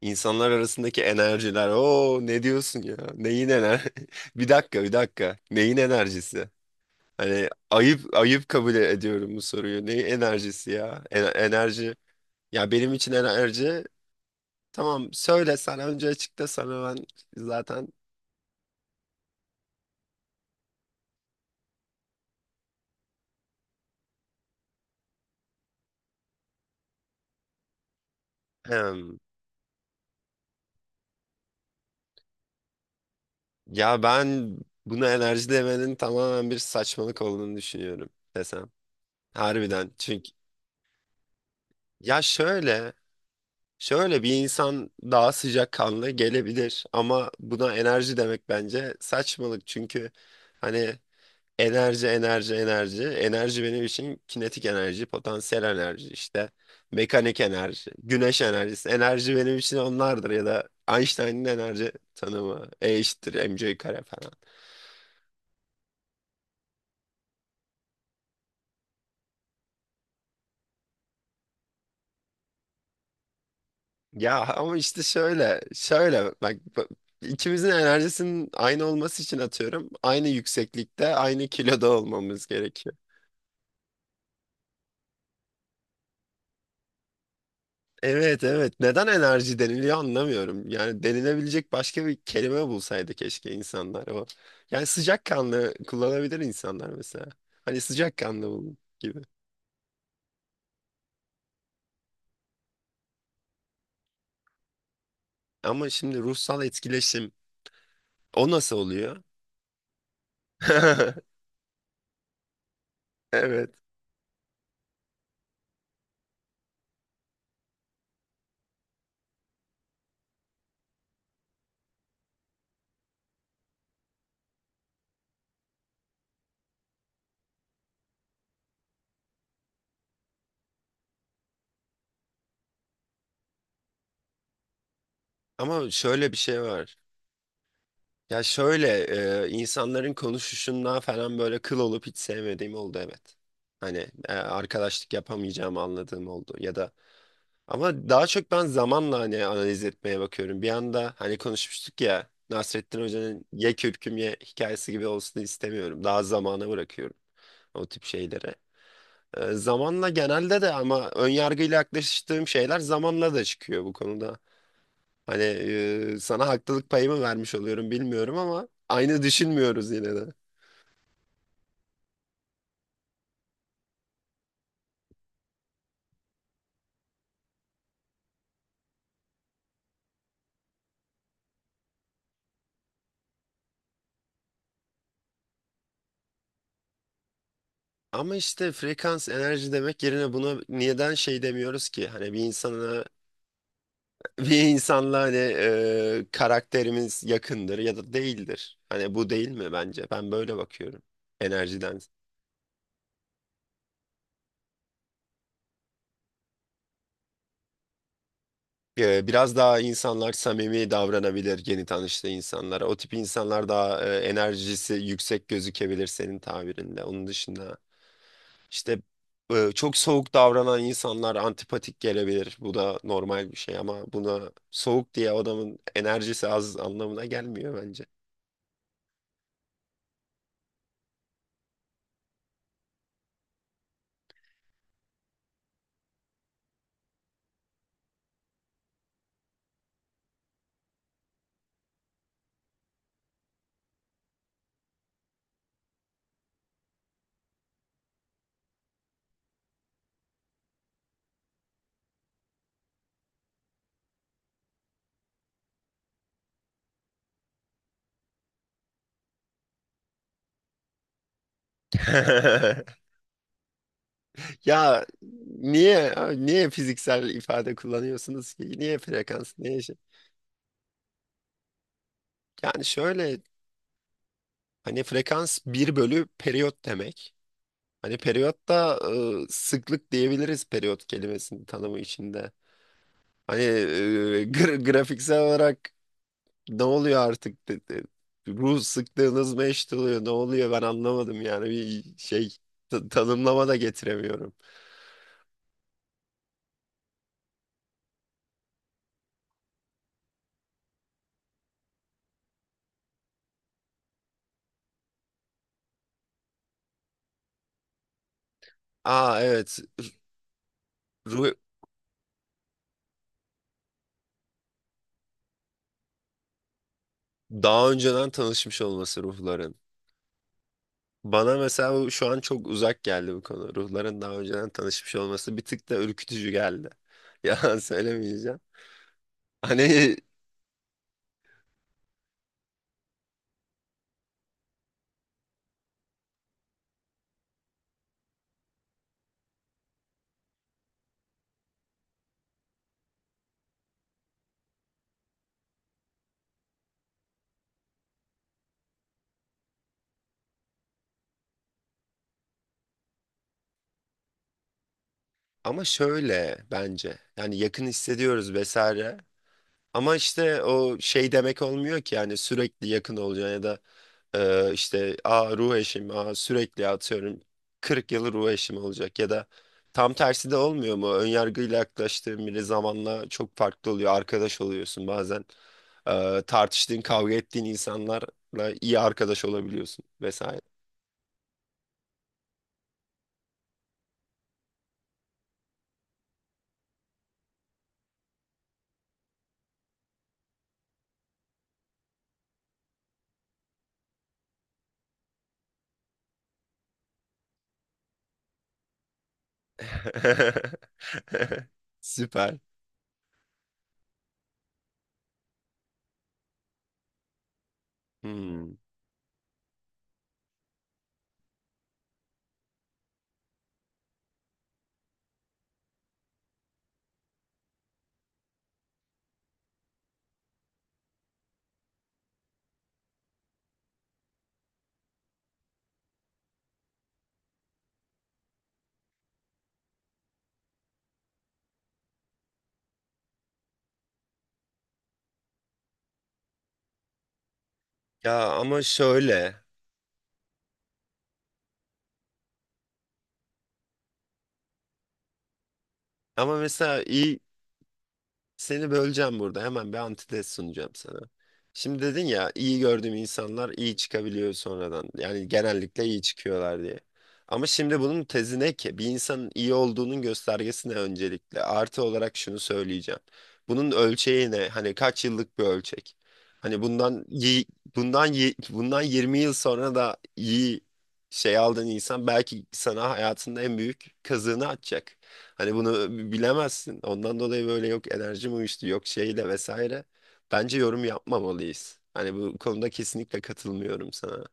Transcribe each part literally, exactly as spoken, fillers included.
İnsanlar arasındaki enerjiler. Oo, ne diyorsun ya? Neyin ener? Bir dakika, bir dakika. Neyin enerjisi? Hani ayıp ayıp, kabul ediyorum bu soruyu. Neyin enerjisi ya? En- enerji. Ya benim için enerji, tamam, söyle sen önce, açıkla, sana ben zaten. Hem, ya ben buna enerji demenin tamamen bir saçmalık olduğunu düşünüyorum desem. Harbiden. Çünkü ya şöyle. Şöyle, bir insan daha sıcakkanlı gelebilir ama buna enerji demek bence saçmalık çünkü hani enerji, enerji, enerji, enerji benim için kinetik enerji, potansiyel enerji, işte mekanik enerji, güneş enerjisi, enerji benim için onlardır ya da Einstein'ın enerji tanımı E eşittir mc kare falan. Ya ama işte şöyle şöyle, bak bak, ikimizin enerjisinin aynı olması için, atıyorum, aynı yükseklikte aynı kiloda olmamız gerekiyor. Evet, evet. Neden enerji deniliyor anlamıyorum. Yani denilebilecek başka bir kelime bulsaydı keşke insanlar o. Yani sıcakkanlı kullanabilir insanlar mesela. Hani sıcakkanlı olun gibi. Ama şimdi ruhsal etkileşim, o nasıl oluyor? Evet. Ama şöyle bir şey var. Ya şöyle, e, insanların konuşuşundan falan böyle kıl olup hiç sevmediğim oldu, evet. Hani e, arkadaşlık yapamayacağımı anladığım oldu. Ya da ama daha çok ben zamanla hani analiz etmeye bakıyorum. Bir anda, hani, konuşmuştuk ya, Nasrettin Hoca'nın ye kürküm ye hikayesi gibi olsun istemiyorum. Daha zamana bırakıyorum o tip şeylere. Ee, zamanla genelde de, ama ön yargıyla yaklaştığım şeyler zamanla da çıkıyor bu konuda. Hani e, sana haklılık payımı vermiş oluyorum bilmiyorum ama aynı düşünmüyoruz yine de. Ama işte frekans enerji demek yerine buna neden şey demiyoruz ki? Hani bir insana bir insanla, hani, e, karakterimiz yakındır ya da değildir. Hani bu değil mi bence? Ben böyle bakıyorum enerjiden. E, biraz daha insanlar samimi davranabilir yeni tanıştığı insanlara. O tip insanlar daha e, enerjisi yüksek gözükebilir senin tabirinde. Onun dışında, işte, e, çok soğuk davranan insanlar antipatik gelebilir. Bu da normal bir şey ama buna soğuk diye adamın enerjisi az anlamına gelmiyor bence. Ya niye niye fiziksel ifade kullanıyorsunuz ki? Niye frekans? Niye şey? Yani şöyle, hani frekans bir bölü periyot demek. Hani periyot da e, sıklık diyebiliriz periyot kelimesinin tanımı içinde. Hani e, gra- grafiksel olarak ne oluyor artık? De, de- ruh sıklığınız mı eşit oluyor? Ne oluyor? Ben anlamadım yani bir şey ta- tanımlama da getiremiyorum. Aa, evet. Ruh, daha önceden tanışmış olması ruhların. Bana mesela bu şu an çok uzak geldi bu konu. Ruhların daha önceden tanışmış olması bir tık da ürkütücü geldi. Yalan söylemeyeceğim. Hani ama şöyle, bence, yani yakın hissediyoruz vesaire. Ama işte o şey demek olmuyor ki, yani sürekli yakın olacaksın. Ee, işte a ruh eşim, a sürekli atıyorum kırk yılı ruh eşim olacak ya da tam tersi de olmuyor mu? Önyargıyla yaklaştığın biri zamanla çok farklı oluyor. Arkadaş oluyorsun bazen. Ee, tartıştığın, kavga ettiğin insanlarla iyi arkadaş olabiliyorsun vesaire. Süper. Hmm. Ya ama şöyle. Ama mesela iyi Seni böleceğim burada. Hemen bir antitez sunacağım sana. Şimdi dedin ya iyi gördüğüm insanlar iyi çıkabiliyor sonradan. Yani genellikle iyi çıkıyorlar diye. Ama şimdi bunun tezi ne ki? Bir insanın iyi olduğunun göstergesi ne öncelikle? Artı olarak şunu söyleyeceğim. Bunun ölçeği ne? Hani kaç yıllık bir ölçek? Hani bundan yi- bundan yi- bundan yirmi yıl sonra da iyi şey aldığın insan belki sana hayatında en büyük kazığını atacak. Hani bunu bilemezsin. Ondan dolayı böyle, yok enerjim uyuştu, yok şeyle vesaire. Bence yorum yapmamalıyız. Hani bu konuda kesinlikle katılmıyorum sana.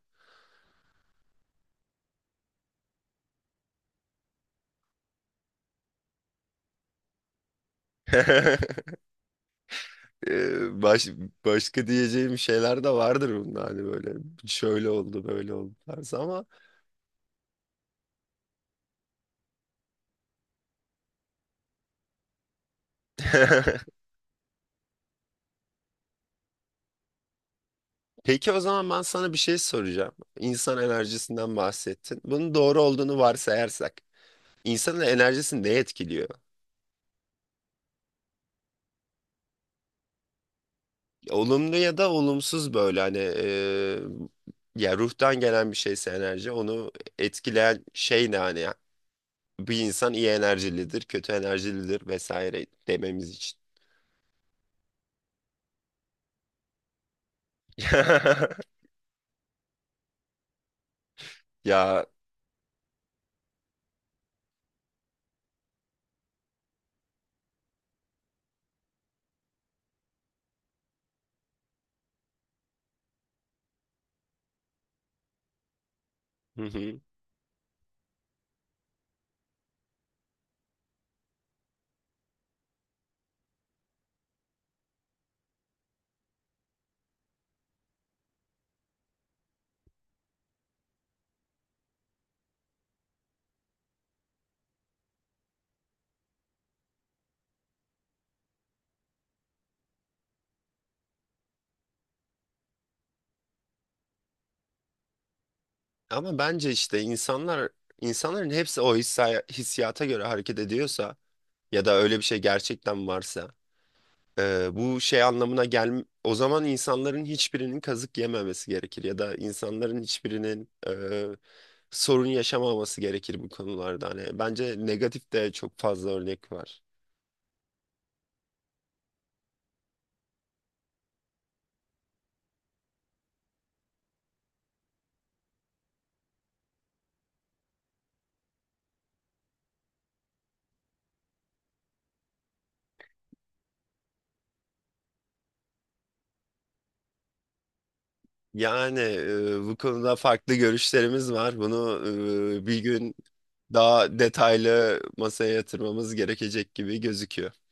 Ee, Baş, başka diyeceğim şeyler de vardır bunda, hani böyle şöyle oldu böyle oldu tarzı, ama peki, o zaman ben sana bir şey soracağım. İnsan enerjisinden bahsettin. Bunun doğru olduğunu varsayarsak insanın enerjisi ne etkiliyor? Olumlu ya da olumsuz böyle, hani, e, ya, ruhtan gelen bir şeyse enerji, onu etkileyen şey ne hani ya? Bir insan iyi enerjilidir, kötü enerjilidir vesaire dememiz için. Ya, hı hı. Ama bence işte insanlar, insanların hepsi o hissi, hissiyata göre hareket ediyorsa ya da öyle bir şey gerçekten varsa, e, bu şey anlamına gel, o zaman insanların hiçbirinin kazık yememesi gerekir ya da insanların hiçbirinin sorun yaşamaması gerekir bu konularda. Hani bence negatif de çok fazla örnek var. Yani e, bu konuda farklı görüşlerimiz var. Bunu e, bir gün daha detaylı masaya yatırmamız gerekecek gibi gözüküyor.